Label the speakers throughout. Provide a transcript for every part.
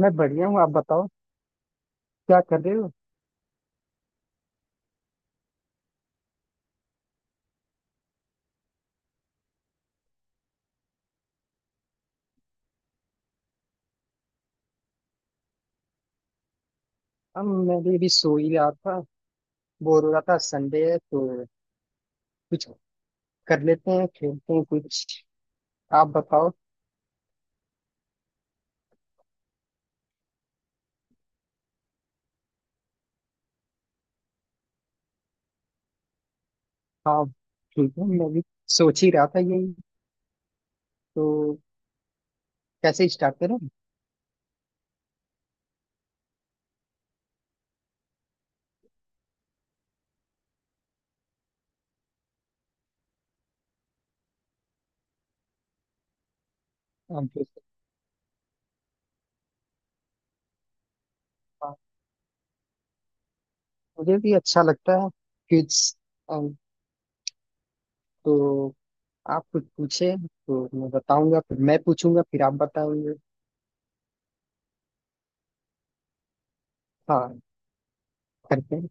Speaker 1: मैं बढ़िया हूँ। आप बताओ, क्या कर रहे हो? हम मैं भी अभी सो ही रहा था। बोर हो रहा था, संडे है तो कुछ कर लेते हैं, खेलते हैं कुछ। आप बताओ। हाँ, ठीक है, मैं भी सोच ही रहा था यही। तो कैसे स्टार्ट करें? हम फिर से- हाँ, मुझे भी अच्छा लगता है। कुछ अम, तो आप कुछ पूछे तो मैं बताऊंगा, फिर मैं पूछूंगा फिर आप बताओगे। हाँ, करते हैं।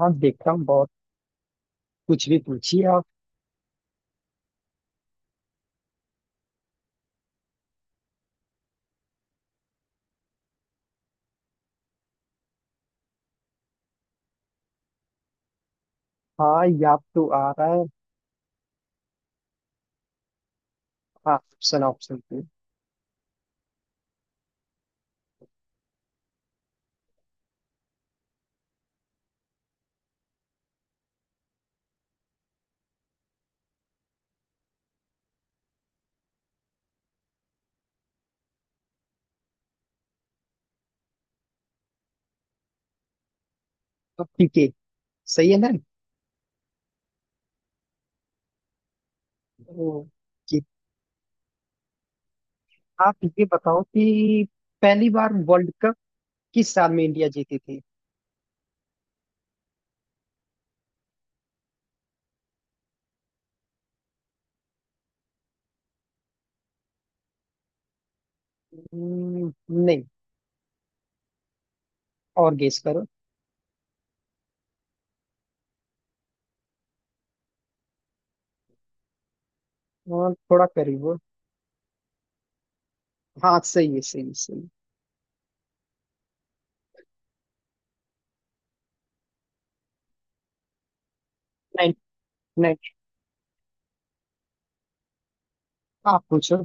Speaker 1: हाँ, देखता हूँ बहुत। कुछ भी पूछिए आप। हाँ, या तो आ रहा है। हाँ, ऑप्शन ऑप्शन। तो ठीक है, सही है ना? ओ, कि आप ये बताओ कि पहली बार वर्ल्ड कप किस साल में इंडिया जीती थी। हम्म, नहीं। और गेस करो। और थोड़ा करीब हो। हाँ, सही है सही है, सही है। नहीं, नहीं। आप पूछो।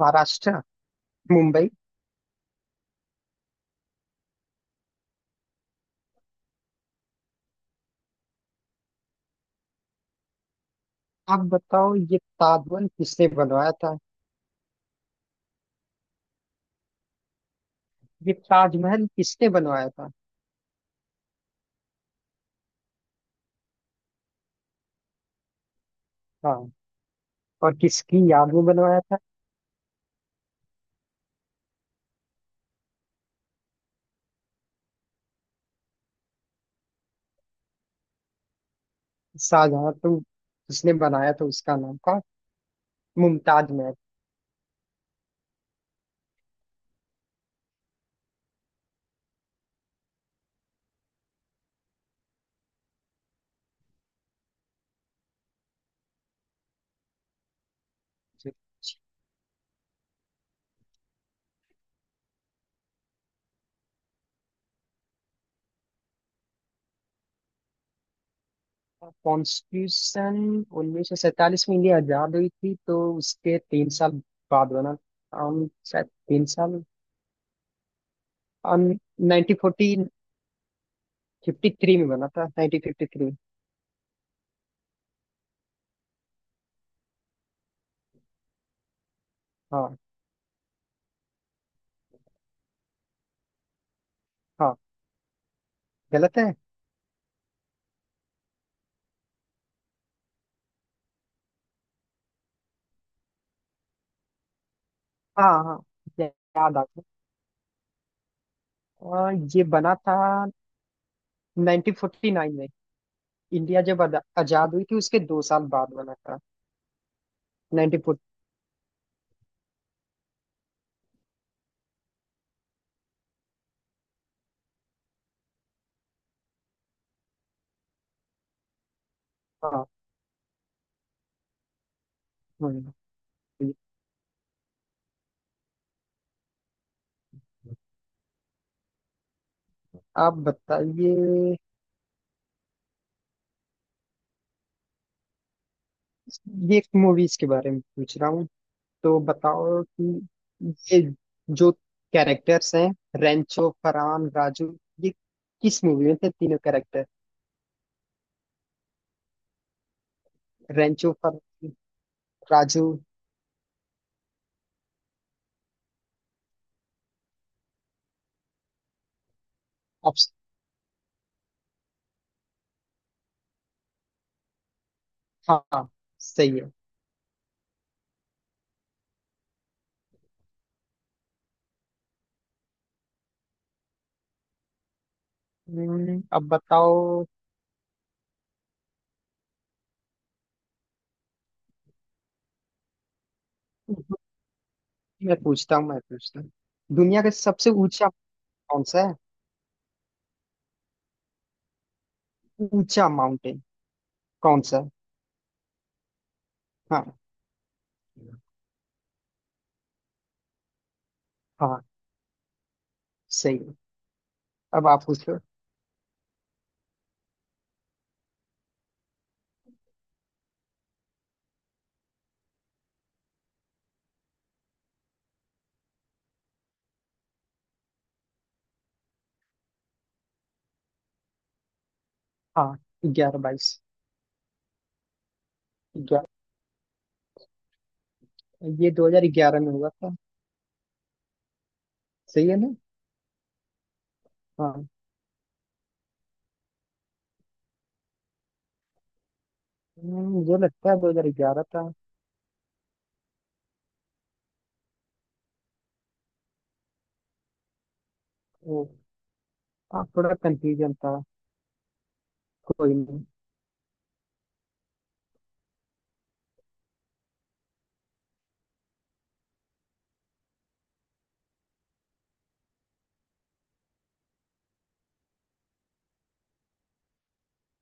Speaker 1: महाराष्ट्र। मुंबई। आप बताओ, ये ताजमहल किसने बनवाया था? ये ताजमहल किसने बनवाया था? हाँ, और किसकी याद में बनवाया था? शाहजहां तो जिसने बनाया था, उसका नाम था मुमताज महल। कॉन्स्टिट्यूशन, 1947 में इंडिया आजाद हुई थी तो उसके 3 साल बाद बना। शायद 3 साल। नाइनटीन फोर्टी फिफ्टी थ्री में बना था, 1953। हाँ। हाँ, गलत है। हाँ, हाँ। या- याद आ गया। और ये बना था 1949 में। इंडिया जब आजाद हुई थी उसके 2 साल बाद बना था। Nineteen forty. हाँ। हम्म, आप बताइए। ये एक मूवीज के बारे में पूछ रहा हूँ, तो बताओ कि ये जो कैरेक्टर्स हैं, रेंचो फरहान राजू, ये किस मूवी में थे तीनों कैरेक्टर? रेंचो फर राजू। अब। हाँ, सही है। अब बताओ। मैं पूछता हूँ, मैं पूछता हूँ। दुनिया का सबसे ऊंचा कौन सा है? ऊंचा माउंटेन कौन सा है? हाँ। हाँ, सही है। अब आप पूछ लो। हाँ, ग्यारह बाईस। ग्यारह, ये 2011 में हुआ था। सही है ना? हाँ। मुझे लगता है 2011 था। वो, हाँ, थोड़ा कंफ्यूजन था। कोई नहीं।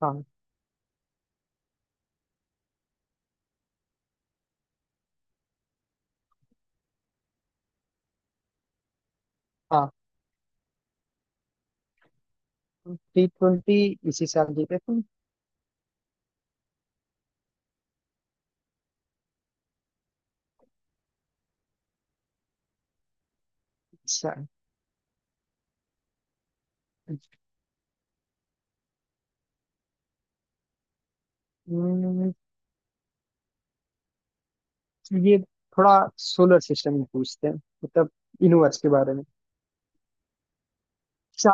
Speaker 1: हाँ, हाँ। T20 इसी साल जीते थे। सा- हम्म, ये थोड़ा सोलर सिस्टम में पूछते हैं, मतलब यूनिवर्स के बारे में। चा,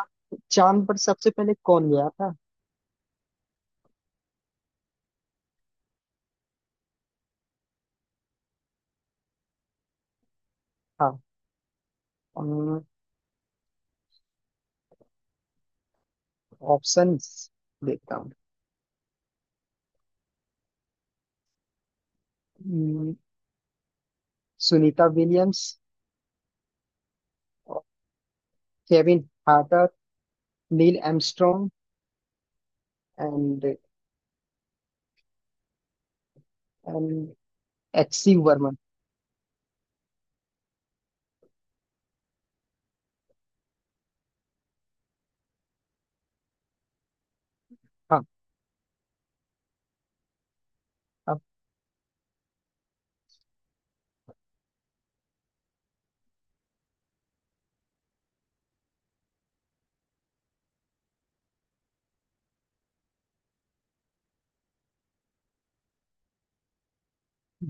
Speaker 1: चांद पर सबसे पहले कौन गया था? हाँ, ऑप्शंस देखता हूँ। हम्म, Sunita Williams, Kevin Harter, Neil Armstrong and and H C Varman. हाँ।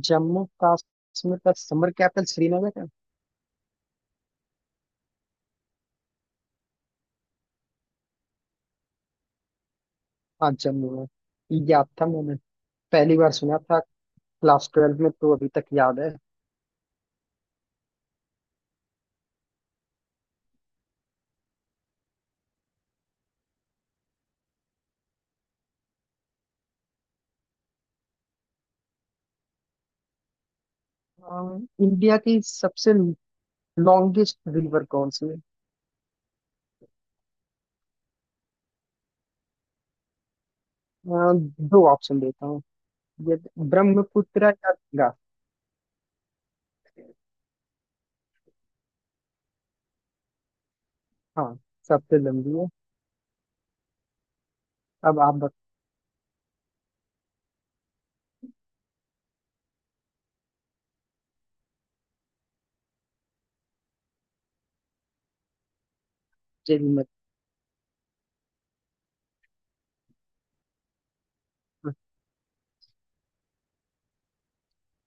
Speaker 1: जम्मू कश्मीर का समर कैपिटल श्रीनगर है। हाँ, जम्मू है, ये याद था मैंने। पहली बार सुना था क्लास 12 में, तो अभी तक याद है। अ, इंडिया की सबसे लॉन्गेस्ट रिवर कौन सी है? अ, दो ऑप्शन देता हूँ। ये ब्रह्मपुत्र या गंगा? हाँ, सबसे लंबी है। अब आप बत- मुझे भी मत